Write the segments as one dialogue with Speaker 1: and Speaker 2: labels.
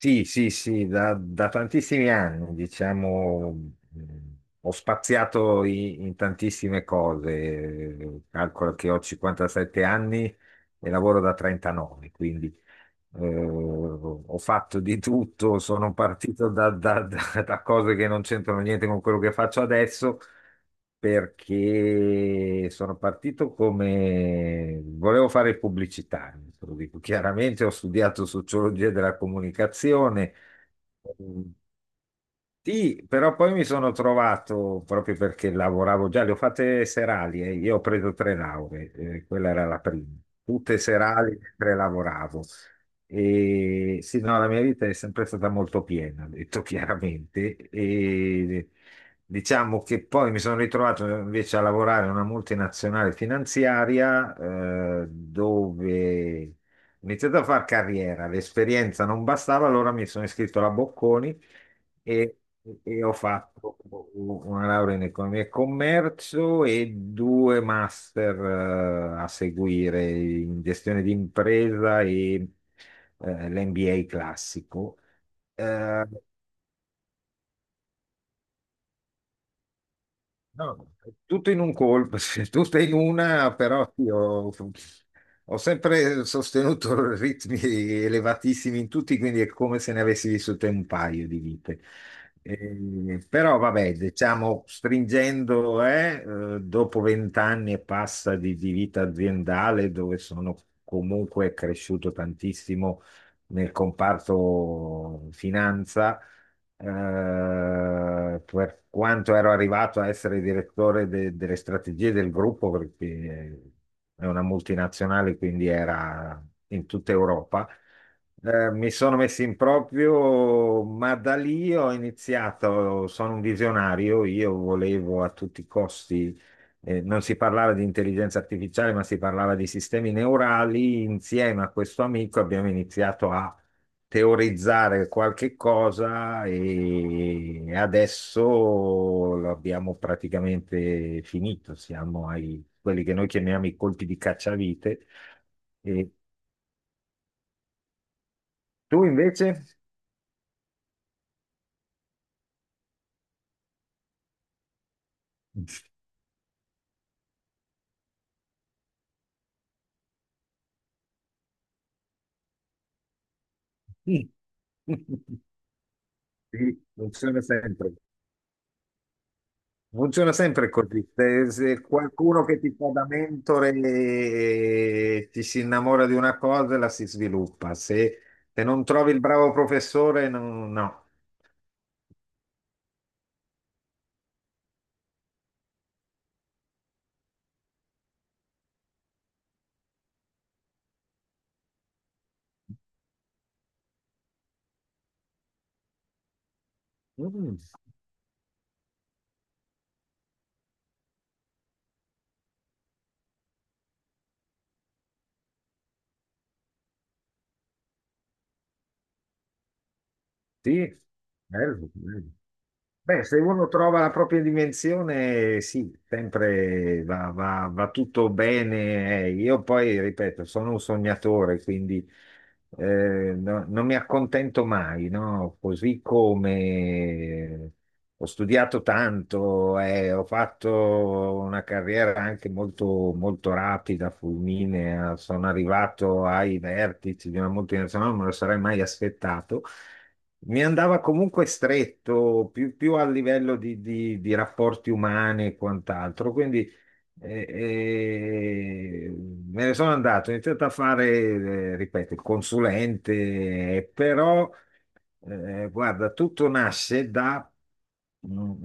Speaker 1: Sì, sì, sì, da tantissimi anni, diciamo, ho spaziato in tantissime cose. Calcolo che ho 57 anni e lavoro da 39, quindi ho fatto di tutto, sono partito da cose che non c'entrano niente con quello che faccio adesso, perché sono partito come volevo fare il pubblicitario, te lo dico chiaramente, ho studiato sociologia della comunicazione. ehm, sì, però poi mi sono trovato, proprio perché lavoravo già, le ho fatte serali. Io ho preso tre lauree, quella era la prima, tutte serali mentre lavoravo. E sì, no, la mia vita è sempre stata molto piena, ho detto chiaramente, e diciamo che poi mi sono ritrovato invece a lavorare in una multinazionale finanziaria, dove ho iniziato a fare carriera, l'esperienza non bastava, allora mi sono iscritto alla Bocconi e, e ho fatto una laurea in economia e commercio e due master a seguire in gestione di impresa e l'MBA classico. Eh, No, è tutto in un colpo, sì, tutto in una, però sì, ho sempre sostenuto ritmi elevatissimi in tutti, quindi è come se ne avessi vissute un paio di vite. Però vabbè, diciamo, stringendo, dopo vent'anni e passa di vita aziendale, dove sono comunque cresciuto tantissimo nel comparto finanza. Per quanto ero arrivato a essere direttore delle strategie del gruppo, perché è una multinazionale, quindi era in tutta Europa. Mi sono messo in proprio, ma da lì ho iniziato, sono un visionario, io volevo a tutti i costi, non si parlava di intelligenza artificiale, ma si parlava di sistemi neurali. Insieme a questo amico abbiamo iniziato a teorizzare qualche cosa e adesso l'abbiamo praticamente finito, siamo ai quelli che noi chiamiamo i colpi di cacciavite. E tu invece? Sì, funziona sempre. Funziona sempre così. Se qualcuno che ti fa da mentore ti si innamora di una cosa, e la si sviluppa. Se non trovi il bravo professore, no. No. Mm. Sì, bello, bello. Beh, se uno trova la propria dimensione, sì, sempre va tutto bene. Io poi, ripeto, sono un sognatore, quindi eh, non mi accontento mai, no? Così come ho studiato tanto, ho fatto una carriera anche molto, molto rapida, fulminea, sono arrivato ai vertici di una multinazionale, non me lo sarei mai aspettato. Mi andava comunque stretto, più, più a livello di rapporti umani e quant'altro, quindi eh, eh, me ne sono andato, ho iniziato a fare, ripeto, il consulente, però. Guarda, tutto nasce da un-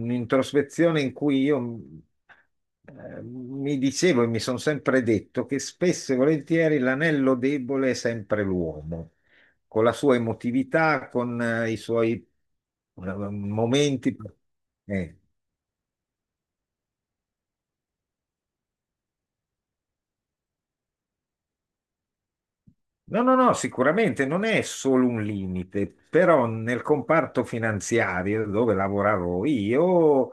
Speaker 1: un'introspezione in cui io mi dicevo e mi sono sempre detto che spesso e volentieri l'anello debole è sempre l'uomo, con la sua emotività, con i suoi momenti. eh, No, no, no, sicuramente non è solo un limite, però nel comparto finanziario dove lavoravo io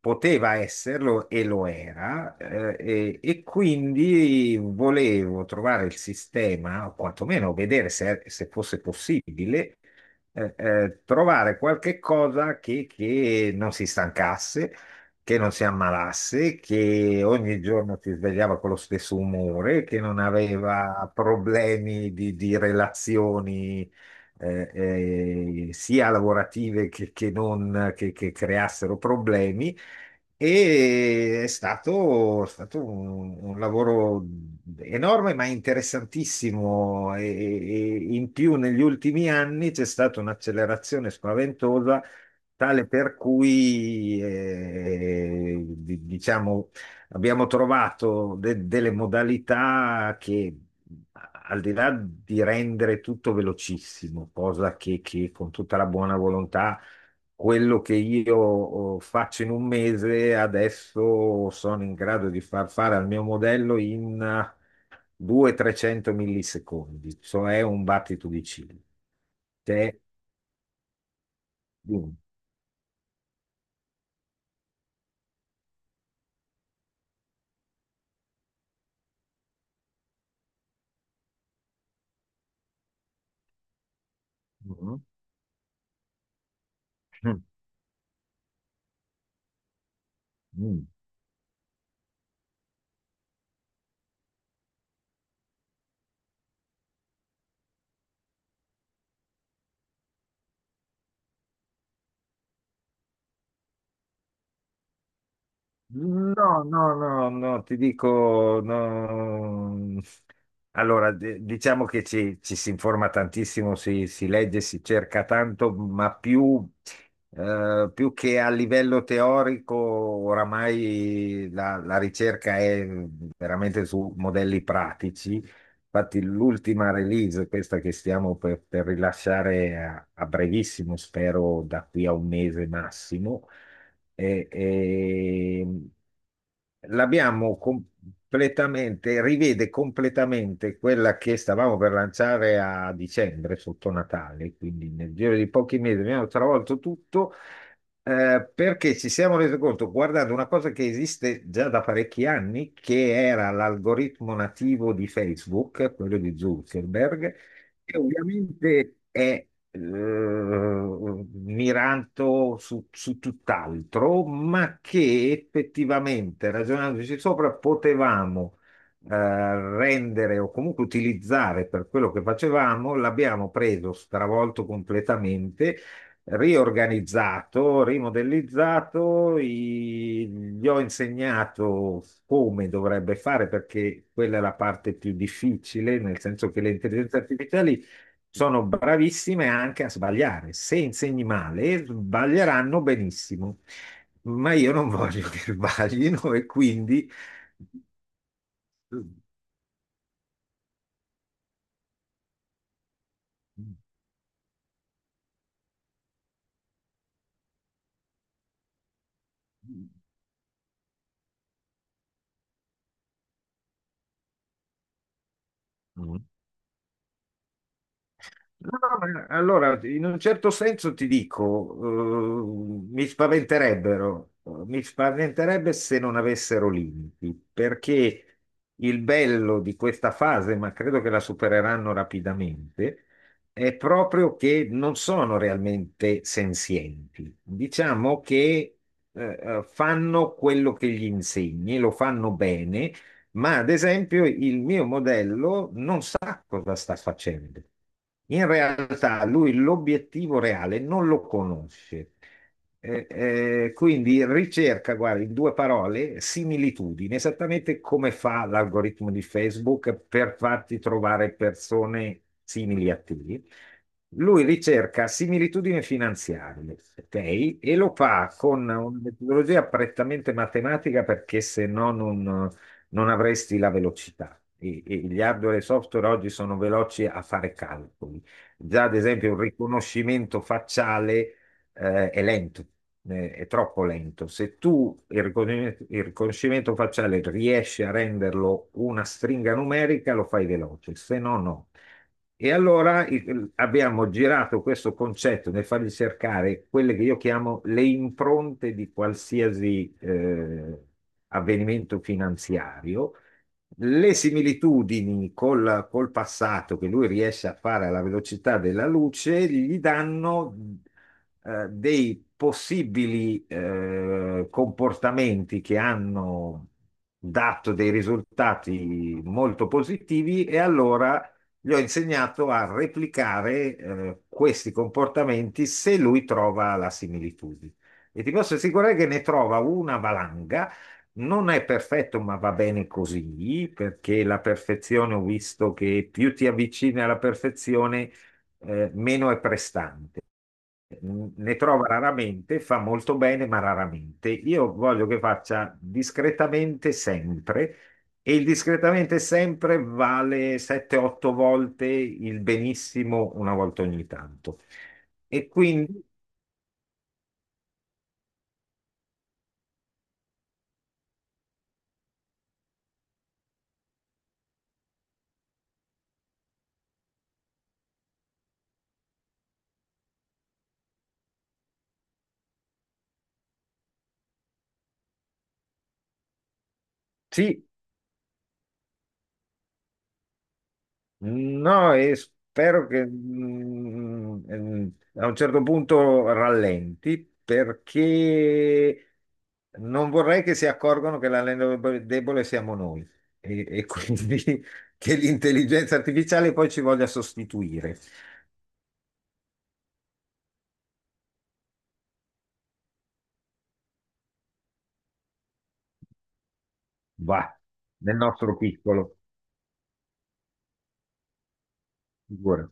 Speaker 1: poteva esserlo e lo era, e quindi volevo trovare il sistema, o quantomeno vedere se fosse possibile, trovare qualche cosa che non si stancasse che non si ammalasse, che ogni giorno si svegliava con lo stesso umore, che non aveva problemi di relazioni eh, sia lavorative che non che creassero problemi. E è stato un lavoro enorme ma interessantissimo e in più negli ultimi anni c'è stata un'accelerazione spaventosa. Tale per cui, diciamo, abbiamo trovato delle modalità che, al di là di rendere tutto velocissimo, cosa che con tutta la buona volontà, quello che io faccio in un mese, adesso sono in grado di far fare al mio modello in 200-300 millisecondi, cioè un battito di ciglia. Cioè, mm, mm, mm. No, no, no, no, ti dico, no. Allora, diciamo che ci si informa tantissimo, si legge, si cerca tanto, ma più, più che a livello teorico, oramai la ricerca è veramente su modelli pratici. Infatti l'ultima release, questa che stiamo per rilasciare a brevissimo, spero da qui a un mese massimo, è- è- l'abbiamo completamente, rivede completamente quella che stavamo per lanciare a dicembre, sotto Natale, quindi nel giro di pochi mesi abbiamo travolto tutto perché ci siamo resi conto, guardando una cosa che esiste già da parecchi anni, che era l'algoritmo nativo di Facebook, quello di Zuckerberg, che ovviamente è mirato su tutt'altro, ma che effettivamente, ragionandoci sopra, potevamo rendere o comunque utilizzare per quello che facevamo, l'abbiamo preso stravolto completamente riorganizzato, rimodellizzato, gli ho insegnato come dovrebbe fare perché quella è la parte più difficile, nel senso che le intelligenze artificiali sono bravissime anche a sbagliare. Se insegni male, sbaglieranno benissimo, ma io non voglio che sbaglino e quindi. No, no, ma allora, in un certo senso ti dico, mi spaventerebbero, mi spaventerebbe se non avessero limiti, perché il bello di questa fase, ma credo che la supereranno rapidamente, è proprio che non sono realmente senzienti. Diciamo che fanno quello che gli insegni, lo fanno bene. Ma ad esempio il mio modello non sa cosa sta facendo. In realtà lui l'obiettivo reale non lo conosce. Quindi ricerca, guarda, in due parole, similitudini, esattamente come fa l'algoritmo di Facebook per farti trovare persone simili a te. Lui ricerca similitudini finanziarie, ok? E lo fa con una metodologia prettamente matematica perché se no non avresti la velocità. E gli hardware e software oggi sono veloci a fare calcoli. Già, ad esempio, un riconoscimento facciale, è lento, è troppo lento. Se tu il riconoscimento facciale riesci a renderlo una stringa numerica, lo fai veloce, se no, no. E allora abbiamo girato questo concetto nel fargli cercare quelle che io chiamo le impronte di qualsiasi avvenimento finanziario, le similitudini col passato che lui riesce a fare alla velocità della luce, gli danno dei possibili comportamenti che hanno dato dei risultati molto positivi e allora gli ho insegnato a replicare questi comportamenti se lui trova la similitudine. E ti posso assicurare che ne trova una valanga. Non è perfetto, ma va bene così, perché la perfezione ho visto che più ti avvicini alla perfezione, meno è prestante. Ne trova raramente, fa molto bene, ma raramente. Io voglio che faccia discretamente sempre. E il discretamente sempre vale 7-8 volte il benissimo una volta ogni tanto. E quindi sì. No, e spero che a un certo punto rallenti perché non vorrei che si accorgano che l'anello debole siamo noi e quindi che l'intelligenza artificiale poi ci voglia sostituire. Va, nel nostro piccolo, figurati.